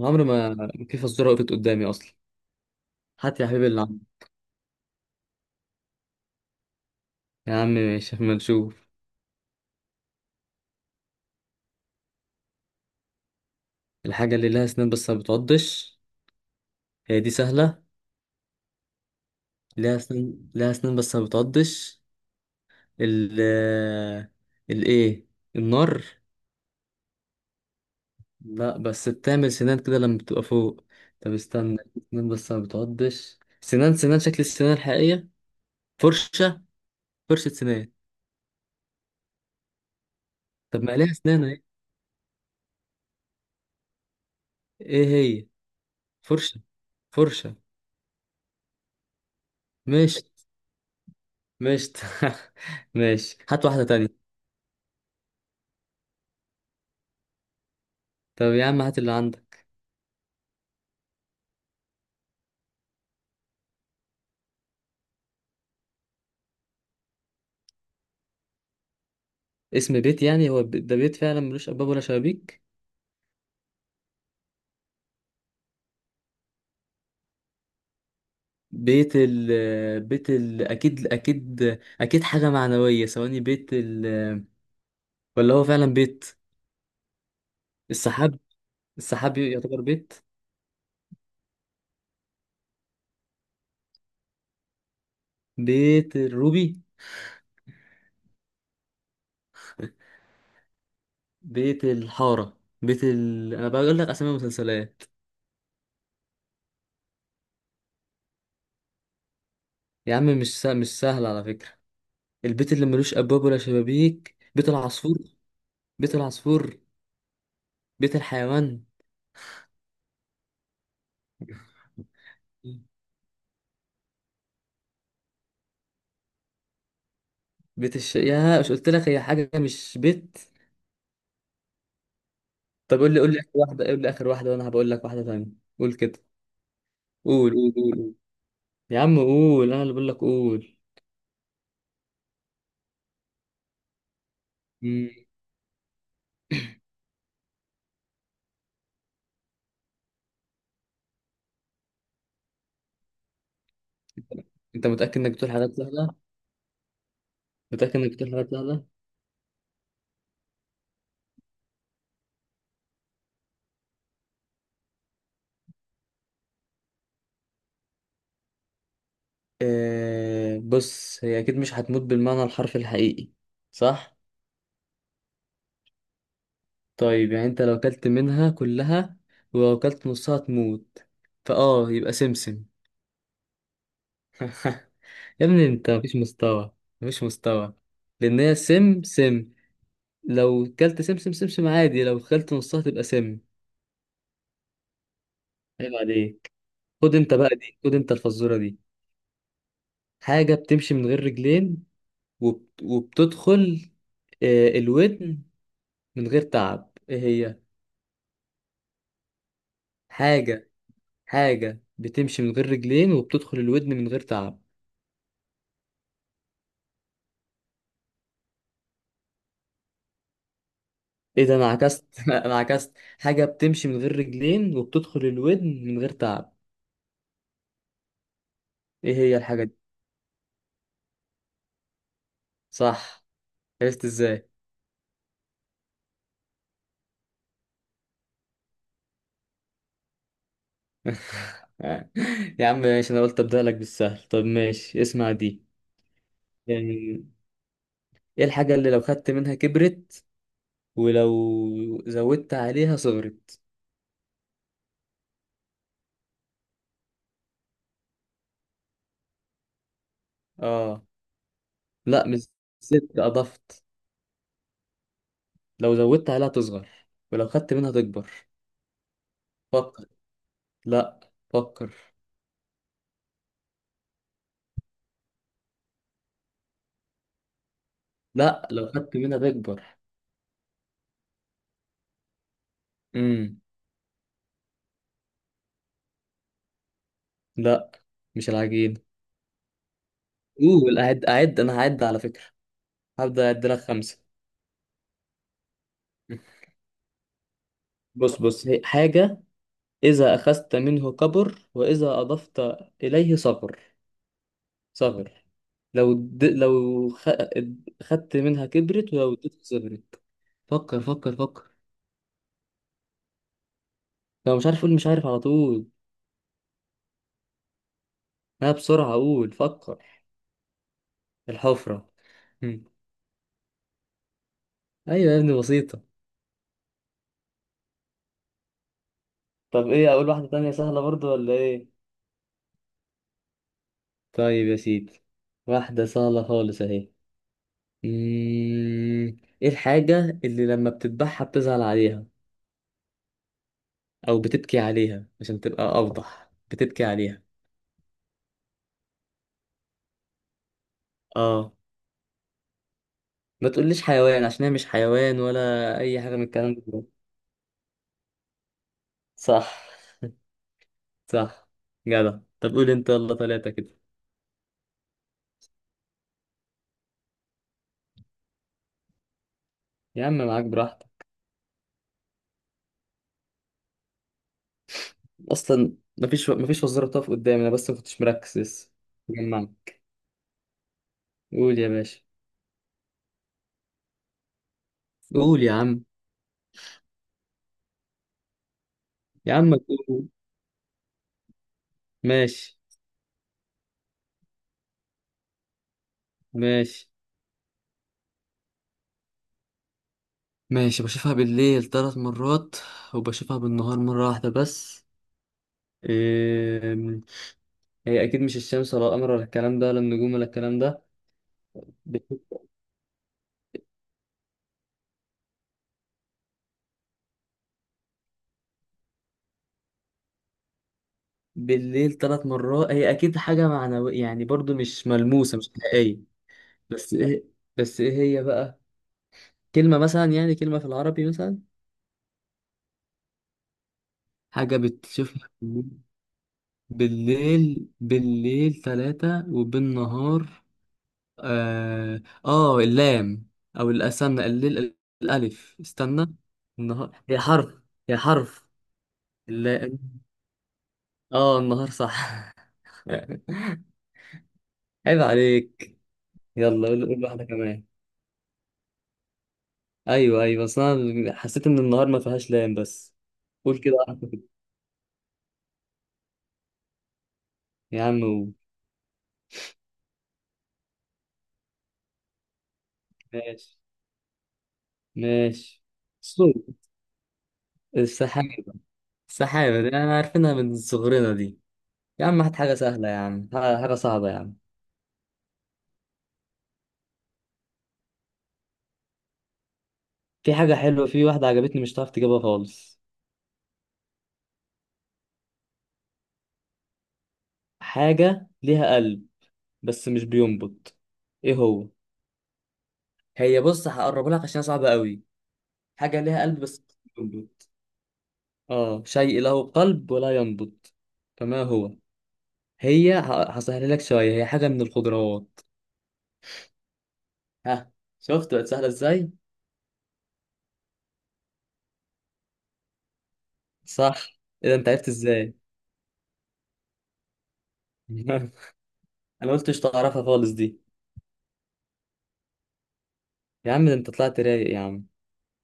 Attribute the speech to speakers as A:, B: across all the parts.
A: عمري ما في فزورة وقفت قدامي أصلا. هات يا حبيبي اللي عندك. يا عم ماشي أما نشوف. الحاجة اللي لها أسنان بس ما بتعضش؟ هي دي سهلة. لها أسنان، لها أسنان بس ما بتعضش. ال الإيه؟ النار. لا، بس بتعمل سنان كده لما بتبقى فوق. طب استنى، سنان بس ما بتعضش، سنان سنان شكل السنان الحقيقية. فرشة، فرشة سنان. طب ما ليها أسنان أهي. إيه؟ هي فرشة. فرشة. ماشي، ماشي. ماشي، هات واحدة تانية. طب يا عم هات اللي عندك. اسم بيت يعني، هو ده بيت فعلا ملوش ابواب ولا شبابيك؟ بيت ال، بيت ال، اكيد اكيد، اكيد حاجه معنويه. ثواني، بيت ال، ولا هو فعلا بيت؟ السحاب. السحاب يعتبر بيت. بيت الروبي. بيت الحاره، بيت ال، انا بقول لك اسامي مسلسلات. يا عم مش سهل، مش سهل على فكره. البيت اللي ملوش ابواب ولا شبابيك، بيت العصفور. بيت العصفور. بيت الحيوان. يا مش قلت لك هي حاجه مش بيت. طب قول لي، قول لي اخر واحده، قول لي اخر واحده وانا هبقول لك واحده ثانيه. قول كده. قول قول قول قول. يا عم قول، انا اللي بقول لك قول. مم. انت متاكد انك بتقول حاجات سهله؟ متاكد انك بتقول حاجات سهله؟ آه بص، هي اكيد مش هتموت بالمعنى الحرفي الحقيقي، صح؟ طيب يعني انت لو كلت منها كلها ولو كلت نصها تموت، فاه يبقى سمسم. يا ابني انت مفيش مستوى، مفيش مستوى. لان هي سم سم. لو كلت سمسم سمسم عادي، لو كلت نصها تبقى سم. عيب عليك. خد انت بقى دي، خد انت الفزورة دي. حاجة بتمشي من غير رجلين وبتدخل الودن من غير تعب. ايه هي؟ حاجة، حاجة بتمشي من غير رجلين وبتدخل الودن من غير تعب. ايه ده انا عكست. انا عكست. حاجة بتمشي من غير رجلين وبتدخل الودن من غير تعب. ايه هي الحاجة دي؟ صح. عرفت ازاي؟ يا عم ماشي، انا قلت ابدأ لك بالسهل. طب ماشي اسمع دي. يعني ايه الحاجة اللي لو خدت منها كبرت ولو زودت عليها صغرت؟ اه. لا مش، زدت، اضفت. لو زودت عليها تصغر ولو خدت منها تكبر. فكر. لا فكر. لا، لو خدت منها تكبر. امم. لا، مش العجين. قول، اعد اعد، انا هعد على فكرة، هبدأ اعد لك خمسة. بص بص، هي حاجة إذا أخذت منه كبر وإذا أضفت إليه صغر، صغر. لو د... لو خ... خدت منها كبرت ولو اديتها صغرت. فكر فكر فكر. لو مش عارف قول مش عارف على طول، انا بسرعة اقول فكر. الحفرة. هم. ايوه يا ابني، بسيطة. طب ايه، اقول واحدة تانية سهلة برضو ولا ايه؟ طيب يا سيدي، واحدة سهلة خالص اهي. ايه الحاجة اللي لما بتذبحها بتزعل عليها او بتبكي عليها؟ عشان تبقى اوضح، بتبكي عليها. اه. ما تقوليش حيوان، عشان هي مش حيوان ولا اي حاجه من الكلام ده. صح. صح. جدع. طب قول انت يلا، ثلاثه كده. يا عم معاك براحتك اصلا، مفيش، مفيش وزاره بتقف قدامي انا، بس ما كنتش مركز لسه. جمعنا. قول يا باشا. قول يا عم. يا عم قول. ماشي. ماشي. ماشي بشوفها بالليل 3 مرات وبشوفها بالنهار مره واحده بس. إيه... هي اكيد مش الشمس ولا القمر ولا الكلام ده، ولا النجوم ولا الكلام ده. بالليل 3 مرات، هي اكيد حاجه معنويه يعني، برضو مش ملموسه، مش حقيقيه. بس ايه؟ بس ايه؟ هي بقى كلمه مثلا، يعني كلمه في العربي مثلا. حاجه بتشوفها بالليل، بالليل ثلاثه وبالنهار. اه، آه اللام، او الاستنى الليل، الالف، استنى، النهار. هي حرف، هي حرف، اللام. اه النهار، صح. عيب عليك. يلا قول، قول واحده كمان. ايوه ايوه، بس انا حسيت ان النهار ما فيهاش لام بس. قول كده واحدة كده. يا عم قول. ماشي. ماشي. الصوت. السحابة. السحابة دي انا عارفينها من صغرنا دي. يا عم هات حاجة سهلة يا عم، حاجة صعبة يا عم. في حاجة حلوة، في واحدة عجبتني مش هتعرف تجيبها خالص. حاجة ليها قلب بس مش بينبض. ايه هو؟ هي بص، هقربها لك عشان هي صعبة قوي. حاجة ليها قلب بس مش بينبض. اه، شيء له قلب ولا ينبض، فما هو؟ هي هسهلها لك شوية، هي حاجة من الخضروات. ها. شفت بقت سهلة ازاي؟ صح. اذا انت عرفت ازاي؟ انا قلت مش تعرفها خالص دي. يا عم ده انت طلعت رايق يا عم.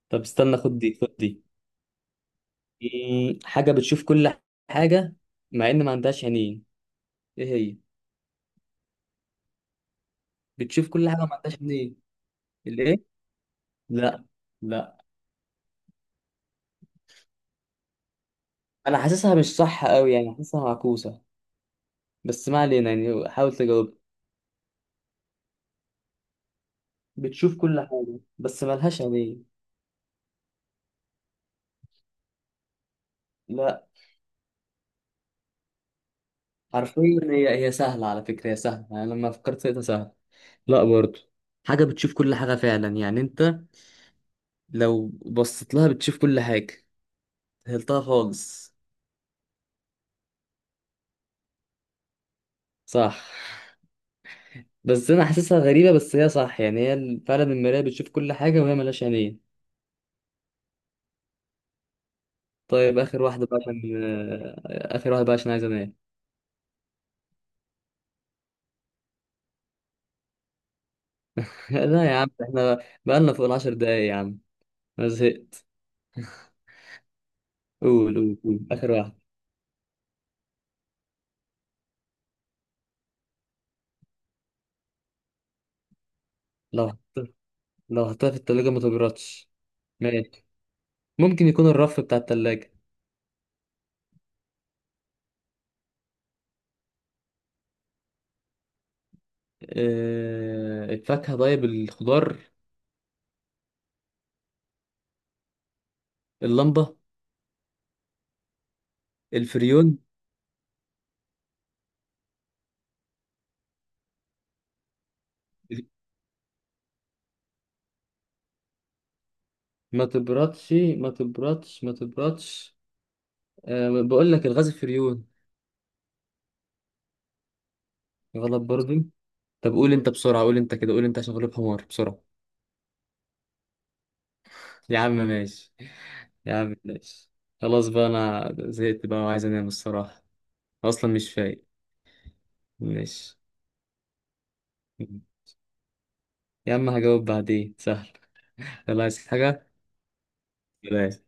A: طب استنى، خد دي، خد دي. حاجة بتشوف كل حاجة مع ان ما عندهاش عينين. ايه هي؟ بتشوف كل حاجة ما عندهاش عينين. الايه؟ لا. لا. انا حاسسها مش صح قوي يعني، حاسسها معكوسة، بس ما علينا يعني، حاول تجاوب. بتشوف كل حاجة بس ملهاش عينين. لا، حرفيا هي، هي سهلة على فكرة، هي سهلة، أنا لما فكرت فيها سهلة. لا برضو. حاجة بتشوف كل حاجة فعلا يعني، أنت لو بصيت لها بتشوف كل حاجة. سهلتها خالص. صح. بس أنا حاسسها غريبة، بس هي صح يعني، هي فعلا المراية بتشوف كل حاجة وهي ملهاش عينين. طيب آخر واحدة بقى عشان، آخر واحدة بقى عشان عايز أنام. لا يا عم إحنا بقالنا فوق ال 10 دقايق يا عم. أنا زهقت. قول قول قول آخر واحدة. لو حطيتها، لو حطيتها في التلاجة ما تبردش. ماشي. ممكن يكون الرف بتاع التلاجة. الفاكهة، طيب الخضار. اللمبة. الفريون. ما تبردش، ما تبردش، ما تبردش. أه بقول لك الغاز، الفريون. غلط برضه. طب قول انت بسرعة، قول انت كده، قول انت عشان غلوب حمار بسرعة. يا عم ماشي. يا عم ماشي. خلاص بقى، انا زهقت بقى وعايز انام الصراحة، اصلا مش فايق. ماشي، يا عم هجاوب بعدين سهل. يلا عايز حاجة؟ بلاش.